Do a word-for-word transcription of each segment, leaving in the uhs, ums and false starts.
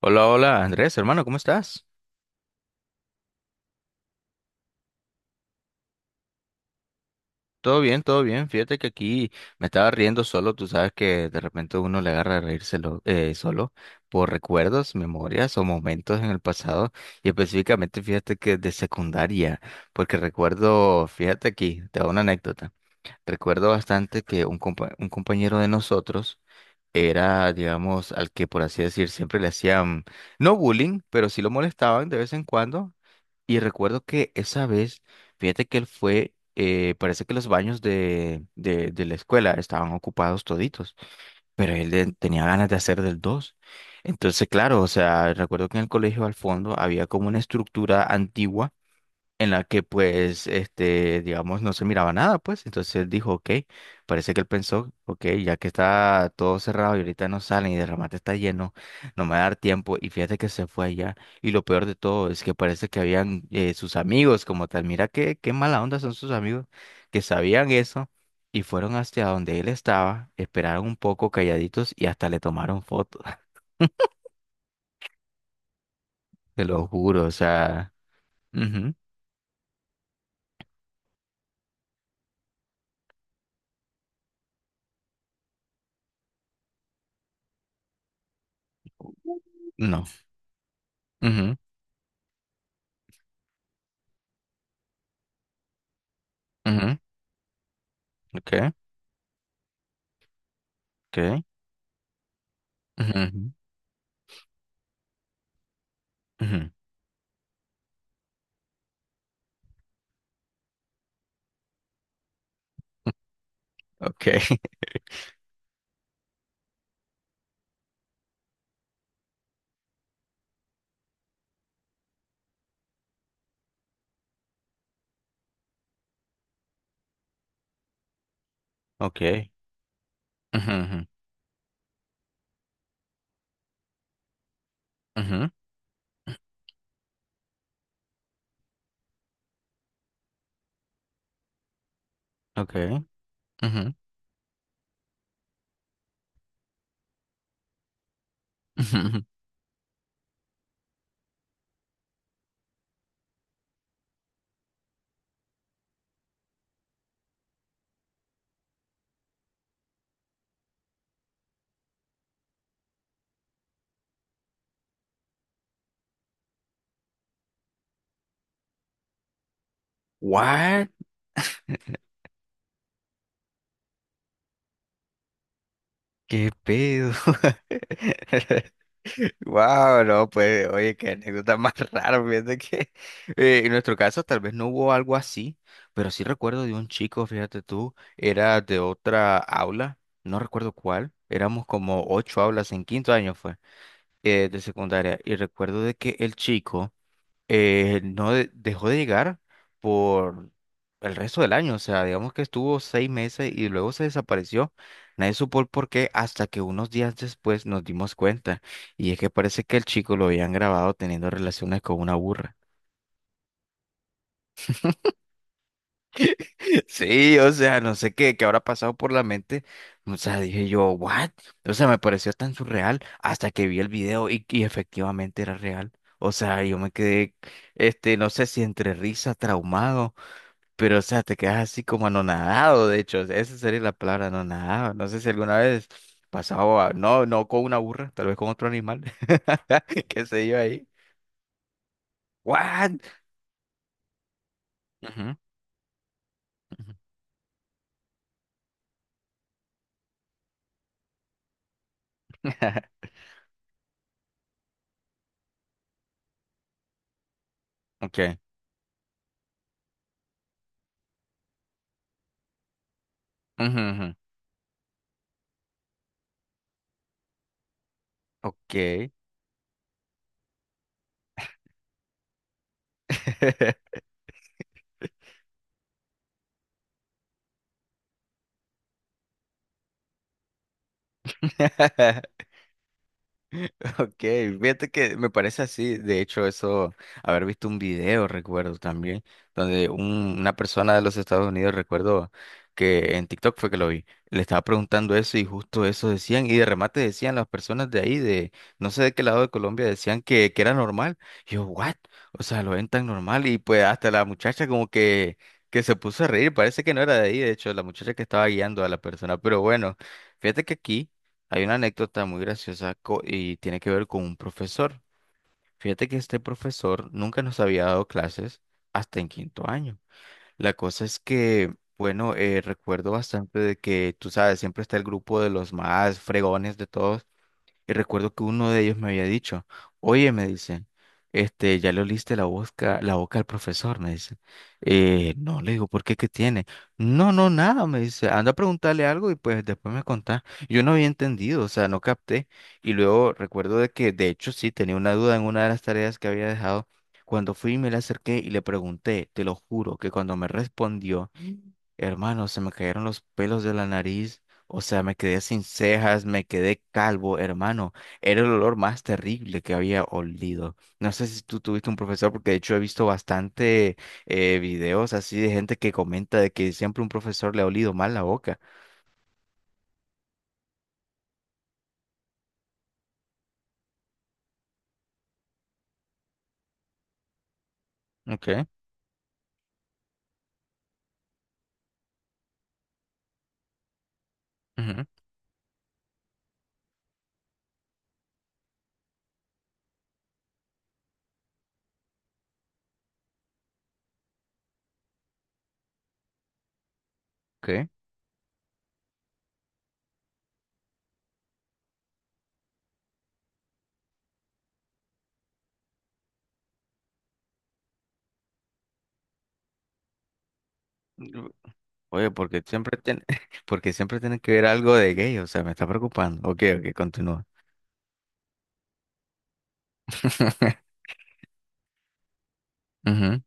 Hola, hola, Andrés, hermano, ¿cómo estás? Todo bien, todo bien. Fíjate que aquí me estaba riendo solo. Tú sabes que de repente uno le agarra a reírselo eh, solo por recuerdos, memorias o momentos en el pasado. Y específicamente, fíjate que de secundaria, porque recuerdo, fíjate aquí, te hago una anécdota. Recuerdo bastante que un compa- un compañero de nosotros era, digamos, al que por así decir siempre le hacían, no bullying, pero sí lo molestaban de vez en cuando. Y recuerdo que esa vez, fíjate que él fue, eh, parece que los baños de, de, de la escuela estaban ocupados toditos, pero él de- tenía ganas de hacer del dos. Entonces, claro, o sea, recuerdo que en el colegio al fondo había como una estructura antigua en la que pues, este, digamos, no se miraba nada, pues. Entonces él dijo, ok, parece que él pensó, ok, ya que está todo cerrado y ahorita no salen y de remate está lleno, no me va a dar tiempo. Y fíjate que se fue allá. Y lo peor de todo es que parece que habían eh, sus amigos como tal. Mira qué, qué mala onda son sus amigos que sabían eso. Y fueron hacia donde él estaba, esperaron un poco calladitos y hasta le tomaron fotos. Te lo juro, o sea, ujú, no, ujú, ujú, ok, ok, ujú, ujú. Ujú. Okay. Okay. Ujú, ujú, ujú. Okay. Ujú, ujú. Ujú. What? ¿Qué pedo? Wow, no, pues, oye, qué anécdota más rara, fíjate que eh, en nuestro caso tal vez no hubo algo así, pero sí recuerdo de un chico, fíjate tú, era de otra aula, no recuerdo cuál, éramos como ocho aulas en quinto año fue, eh, de secundaria, y recuerdo de que el chico eh, no de- dejó de llegar por el resto del año, o sea, digamos que estuvo seis meses y luego se desapareció. Nadie supo el por qué hasta que unos días después nos dimos cuenta. Y es que parece que el chico lo habían grabado teniendo relaciones con una burra. Sí, o sea, no sé qué, qué habrá pasado por la mente. O sea, dije yo, ¿what? O sea, me pareció tan surreal hasta que vi el video y, y efectivamente era real. O sea, yo me quedé, este, no sé si entre risa, traumado. Pero, o sea, te quedas así como anonadado, de hecho, esa sería la palabra anonadado. No sé si alguna vez pasado, a- no, no con una burra, tal vez con otro animal, qué sé yo ahí. What? Ujú, ujú. Okay. Ujú, ujú. Okay. Ok, fíjate que me parece así. De hecho, eso, haber visto un video, recuerdo también, donde un- una persona de los Estados Unidos, recuerdo que en TikTok fue que lo vi, le estaba preguntando eso y justo eso decían, y de remate decían las personas de ahí, de no sé de qué lado de Colombia, decían que, que era normal. Y yo, ¿what? O sea, lo ven tan normal y pues hasta la muchacha como que, que se puso a reír, parece que no era de ahí, de hecho, la muchacha que estaba guiando a la persona, pero bueno. Fíjate que aquí hay una anécdota muy graciosa co- y tiene que ver con un profesor. Fíjate que este profesor nunca nos había dado clases hasta en quinto año. La cosa es que, bueno, eh, recuerdo bastante de que, tú sabes, siempre está el grupo de los más fregones de todos y recuerdo que uno de ellos me había dicho, oye, me dice, este, ya le oliste la boca, la boca al profesor, me dice. "Eh, no, le digo, ¿por qué? ¿Qué tiene? No, no, nada, me dice, anda a preguntarle algo y pues después me contás. Yo no había entendido, o sea, no capté. Y luego recuerdo de que, de hecho, sí, tenía una duda en una de las tareas que había dejado. Cuando fui, me le acerqué y le pregunté, te lo juro, que cuando me respondió, hermano, se me cayeron los pelos de la nariz, o sea, me quedé sin cejas, me quedé calvo, hermano. Era el olor más terrible que había olido. No sé si tú tuviste un profesor, porque de hecho he visto bastante eh, videos así de gente que comenta de que siempre un profesor le ha olido mal la boca. Okay. Ujú. Okay. Mm. Oye, porque siempre tiene, porque siempre tiene que ver algo de gay, o sea, me está preocupando. Ok, ok, continúa. Ujú.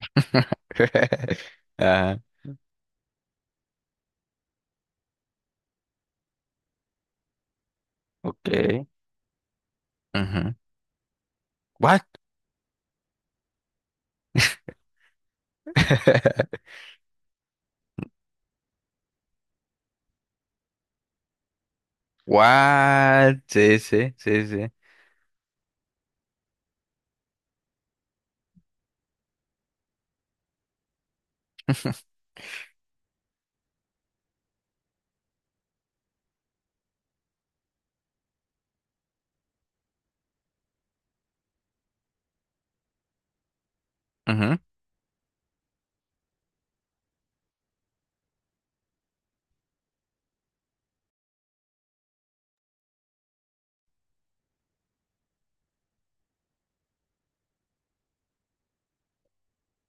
Ajá, ok. Ujú. What? What? Sí, sí, sí, sí. Ujú.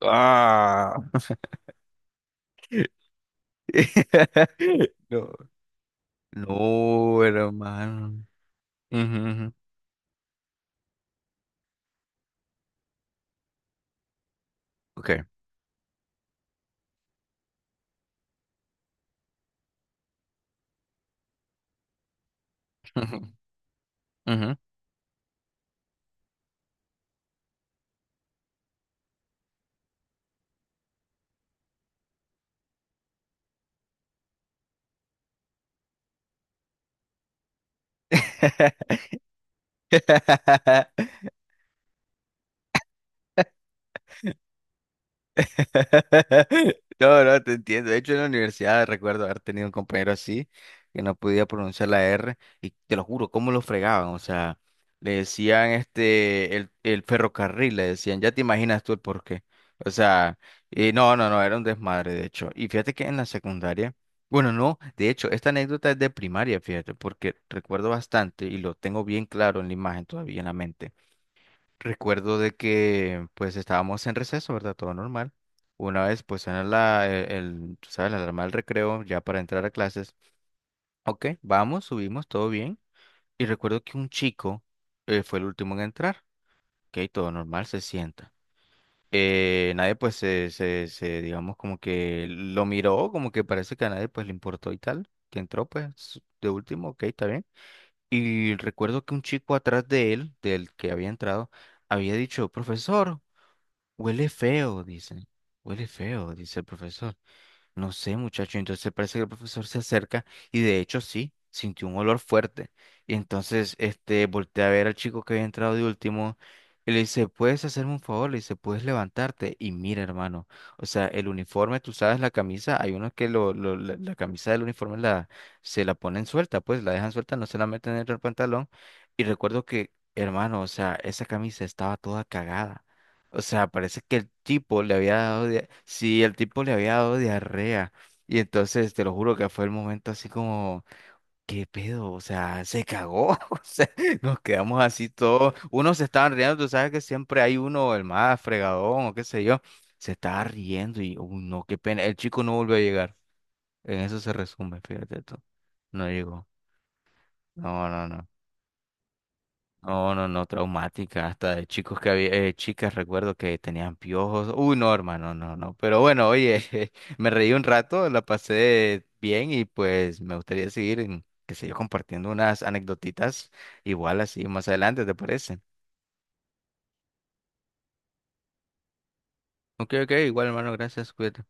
Ah. No, no, hermano. Ujú, ujú. Ok. Ujú. No, no, te entiendo. De hecho, en la universidad recuerdo haber tenido un compañero así que no podía pronunciar la erre y te lo juro, cómo lo fregaban. O sea, le decían este, el, el ferrocarril, le decían, ya te imaginas tú el porqué. O sea, y no, no, no, era un desmadre, de hecho. Y fíjate que en la secundaria, bueno, no, de hecho, esta anécdota es de primaria, fíjate, porque recuerdo bastante y lo tengo bien claro en la imagen todavía en la mente. Recuerdo de que pues estábamos en receso, ¿verdad? Todo normal. Una vez pues suena la, el, el, tú sabes, la alarma del recreo ya para entrar a clases. Ok, vamos, subimos, todo bien. Y recuerdo que un chico eh, fue el último en entrar. Ok, todo normal, se sienta. Eh, nadie pues se, se, se, digamos como que lo miró, como que parece que a nadie pues le importó y tal. Que entró pues de último, ok, está bien. Y recuerdo que un chico atrás de él, del que había entrado, había dicho, profesor. Huele feo, dicen. Huele feo, dice el profesor. No sé, muchacho. Entonces parece que el profesor se acerca y de hecho sí, sintió un olor fuerte. Y entonces este voltea a ver al chico que había entrado de último y le dice, ¿puedes hacerme un favor? Le dice, ¿puedes levantarte? Y mira, hermano, o sea, el uniforme, tú sabes, la camisa, hay unos que lo, lo- la, la camisa del uniforme la, se la ponen suelta, pues la dejan suelta, no se la meten dentro del pantalón. Y recuerdo que, hermano, o sea, esa camisa estaba toda cagada. O sea, parece que el tipo le había dado, dia- sí, el tipo le había dado diarrea. Y entonces te lo juro que fue el momento así como, ¿qué pedo? O sea, se cagó. O sea, nos quedamos así todos. Unos se estaban riendo, tú sabes que siempre hay uno, el más fregadón o qué sé yo, se estaba riendo y, uy, no, qué pena. El chico no volvió a llegar. En eso se resume, fíjate tú. No llegó. No, no, no. No, no, no, traumática, hasta de chicos que había, eh, chicas recuerdo que tenían piojos. Uy, no, hermano, no, no. Pero bueno, oye, me reí un rato, la pasé bien y pues me gustaría seguir, en, qué sé yo, compartiendo unas anecdotitas igual así más adelante, ¿te parece? Ok, ok, igual hermano, gracias, cuídate.